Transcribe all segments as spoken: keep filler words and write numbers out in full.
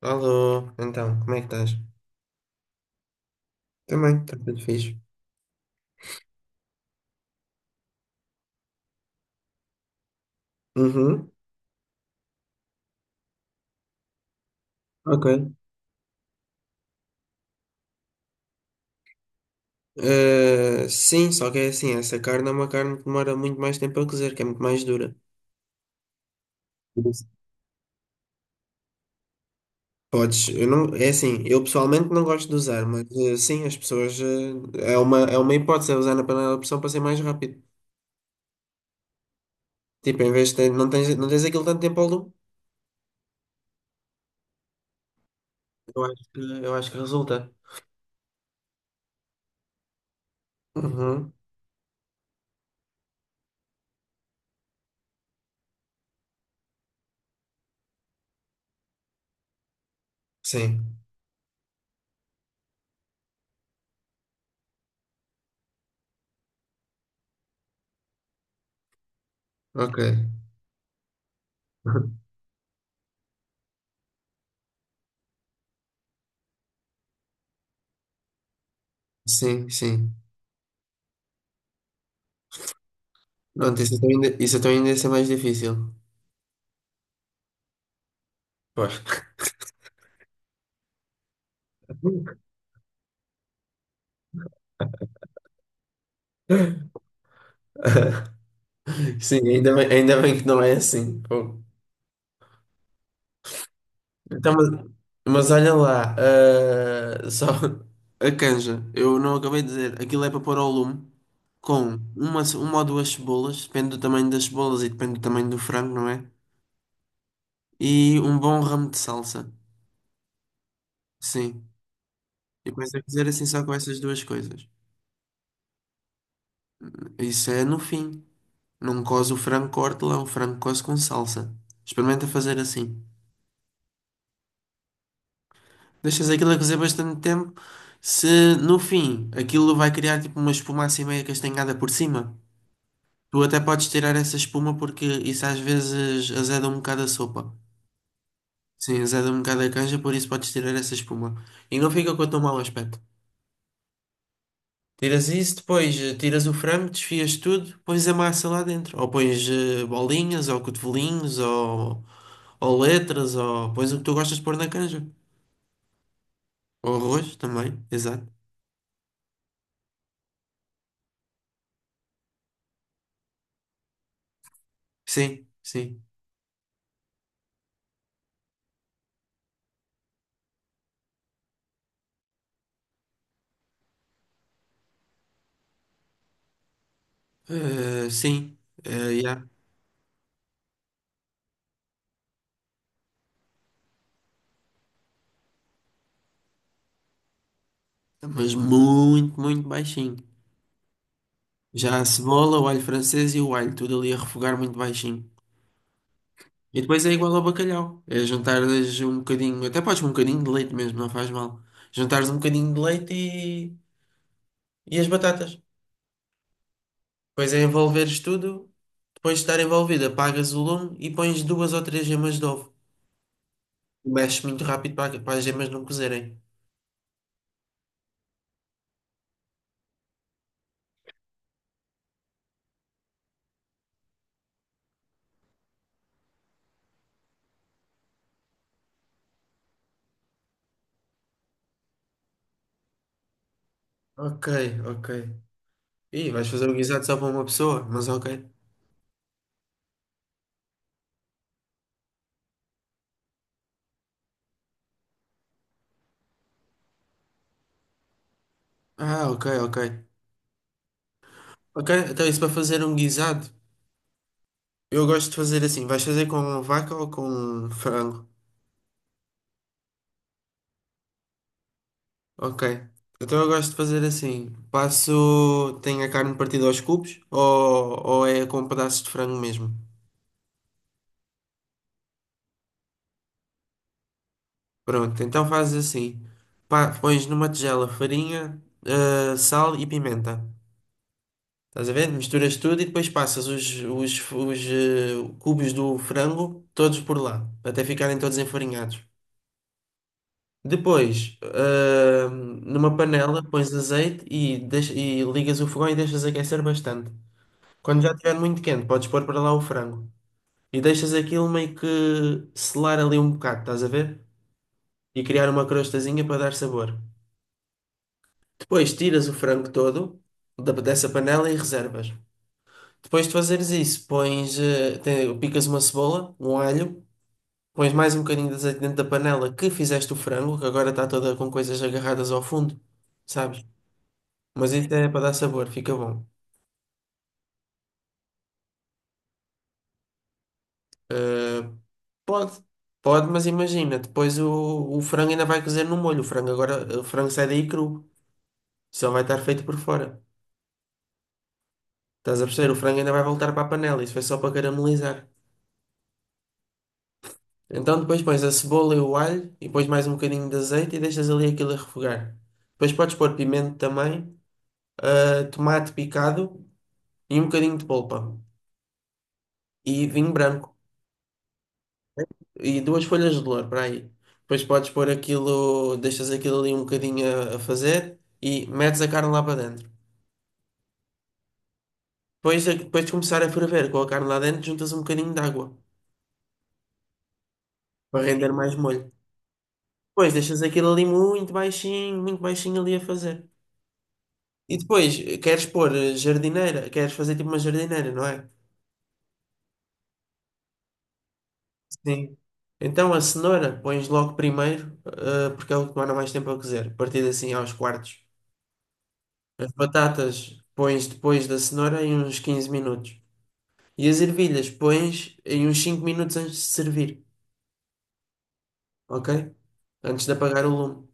Alô, então, como é que estás? Também, está tudo fixe. Uhum, ok. Eh, sim, só que é assim, essa carne é uma carne que demora muito mais tempo a cozer, que é muito mais dura. Isso. Podes, eu não, é assim, eu pessoalmente não gosto de usar, mas eh, sim, as pessoas, eh, é uma, é uma hipótese, é usar na panela de pressão para ser mais rápido. Tipo, em vez de ter, não tens, não tens aquilo tanto tempo ao lume. Eu acho que, eu acho que resulta. Uhum, sim, ok. Sim, sim. Pronto, isso então ainda, isso então ainda ia ser mais difícil. Pois. Sim, ainda bem, ainda bem que não é assim. Pô. Então, mas, mas olha lá, ah, só a canja, eu não acabei de dizer, aquilo é para pôr ao lume com uma, uma ou duas cebolas, depende do tamanho das cebolas e depende do tamanho do frango, não é? E um bom ramo de salsa, sim. E depois a cozer assim só com essas duas coisas. Isso é no fim. Não coze o frango com hortelã, o frango coze com salsa. Experimenta fazer assim. Deixas aquilo a cozer bastante tempo, se no fim aquilo vai criar tipo uma espuma assim meio castanhada por cima, tu até podes tirar essa espuma porque isso às vezes azeda um bocado a sopa. Sim, azeda um bocado a canja, por isso podes tirar essa espuma. E não fica com tão mau aspecto. Tiras isso, depois eh, tiras o frango, desfias tudo, pões a massa lá dentro. Ou pões eh, bolinhas, ou cotovelinhos, ou, ou letras, ou pões o que tu gostas de pôr na canja. Ou arroz também, exato. Sim, sim. Eh, sim, eh, yeah. Mas muito, muito baixinho. Já a cebola, o alho francês e o alho, tudo ali a refogar muito baixinho. E depois é igual ao bacalhau. É jantares um bocadinho, até podes um bocadinho de leite mesmo, não faz mal. Jantares um bocadinho de leite e, e as batatas. Depois é envolveres tudo, depois de estar envolvido, apagas o lume e pões duas ou três gemas de ovo. Mexes muito rápido para, para as gemas não cozerem. Ok, ok. Ih, vais fazer o guisado só para uma pessoa, mas ok. Ah, ok, ok. Ok, então isso para fazer um guisado. Eu gosto de fazer assim. Vais fazer com vaca ou com frango? Ok. Então eu gosto de fazer assim. Passo. Tenho a carne partida aos cubos ou, ou é com pedaços de frango mesmo? Pronto, então fazes assim. Pá, pões numa tigela farinha, eh, sal e pimenta. Estás a ver? Misturas tudo e depois passas os, os, os, eh, cubos do frango todos por lá, até ficarem todos enfarinhados. Depois, ah, numa panela, pões azeite e, deixa- e ligas o fogão e deixas aquecer bastante. Quando já estiver muito quente, podes pôr para lá o frango. E deixas aquilo meio que selar ali um bocado, estás a ver? E criar uma crostazinha para dar sabor. Depois tiras o frango todo da- dessa panela e reservas. Depois de fazeres isso, pões, eh, te- picas uma cebola, um alho, pões mais um bocadinho de azeite dentro da panela que fizeste o frango, que agora está toda com coisas agarradas ao fundo, sabes? Mas isso é para dar sabor, fica bom. Ah, pode, pode, mas imagina, depois o, o frango ainda vai cozer no molho. O frango agora, o frango sai daí cru, só vai estar feito por fora. Estás a perceber? O frango ainda vai voltar para a panela, isso foi só para caramelizar. Então depois pões a cebola e o alho, e pões mais um bocadinho de azeite e deixas ali aquilo a refogar. Depois podes pôr pimento também, ah, tomate picado e um bocadinho de polpa. E vinho branco. E duas folhas de louro para aí. Depois podes pôr aquilo, deixas aquilo ali um bocadinho a, a fazer e metes a carne lá para dentro. Depois, de- depois de começar a ferver com a carne lá dentro, juntas um bocadinho de água para render mais molho. Depois deixas aquilo ali muito baixinho, muito baixinho ali a fazer. E depois eh, queres pôr eh, jardineira, queres fazer tipo uma jardineira, não é? Sim. Então a cenoura pões logo primeiro, eh, porque é o que demora mais tempo a cozer. Partido assim aos quartos. As batatas pões depois da cenoura em uns quinze minutos. E as ervilhas pões em uns cinco minutos antes de servir, ok? Antes de apagar o lume.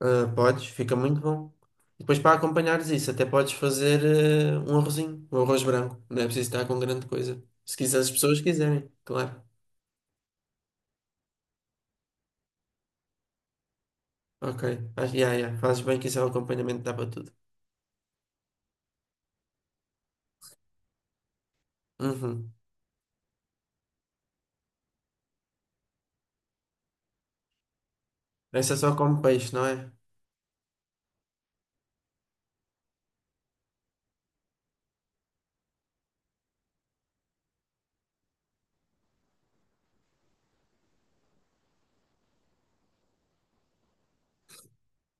Ah, podes, fica muito bom. Depois para acompanhares isso, até podes fazer eh, um arrozinho, um arroz branco. Não é preciso estar com grande coisa. Se quiser, as pessoas quiserem, claro. Ok, ah, yeah, yeah. Fazes bem que isso é o acompanhamento, dá para tudo. Uhum. Essa é só come peixe, não é?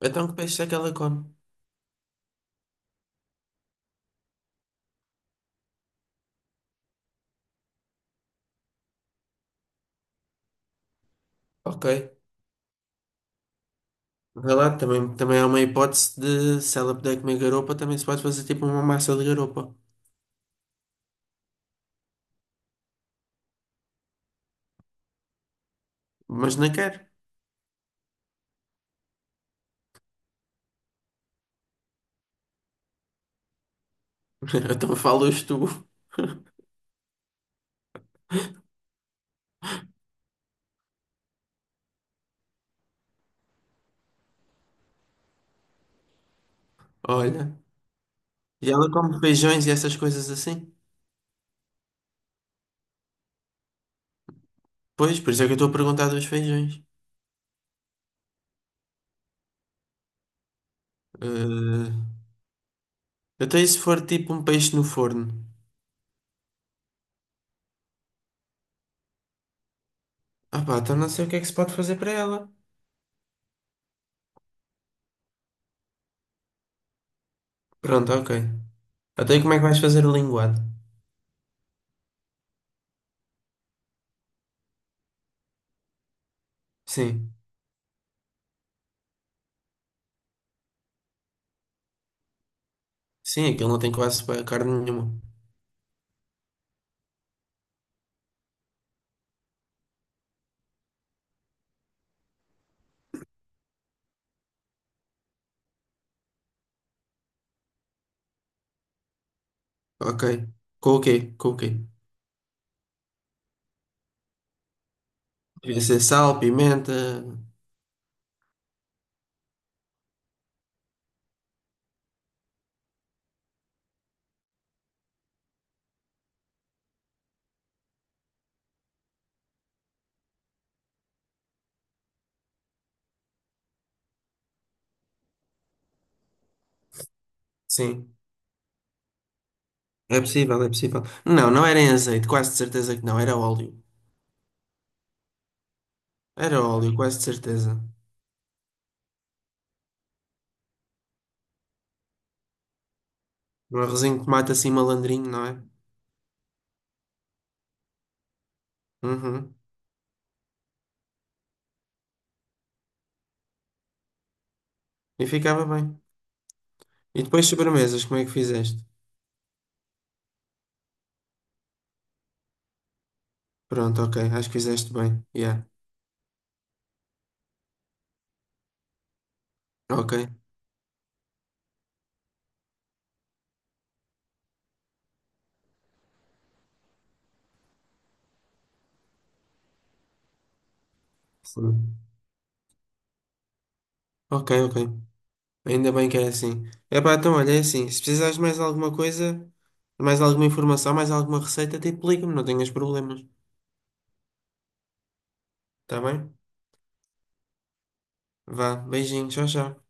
Então que peixe é que ela come? Ok. Vai lá, também, também é uma hipótese de se ela puder comer garopa, também se pode fazer tipo uma massa de garopa. Mas não quero então falas tu. Olha. E ela come feijões e essas coisas assim? Pois, por isso é que eu estou a perguntar dos feijões. Eh, até e se for tipo um peixe no forno? Ah pá, então não sei o que é que se pode fazer para ela. Pronto, ok. Até e como é que vais fazer o linguado? Sim. Sim, aquilo não tem quase pa- carne nenhuma. Ok. Com o quê? Com o quê? Devia ser sal, pimenta. Sim. É possível, é possível. Não, não era em azeite, quase de certeza que não, era óleo. Era óleo, quase de certeza. Um arrozinho de tomate assim malandrinho, não é? Uhum. E ficava bem. E depois sobremesas, como é que fizeste? Pronto, ok, acho que fizeste bem. Yeah. Ok. Sim. Ok, ok. Ainda bem que é assim. Epá, então olha, é assim, se precisares de mais alguma coisa, mais alguma informação, mais alguma receita, tipo, liga-me, não tenhas problemas. Tá bem? Vá, beijinho, tchau, tchau.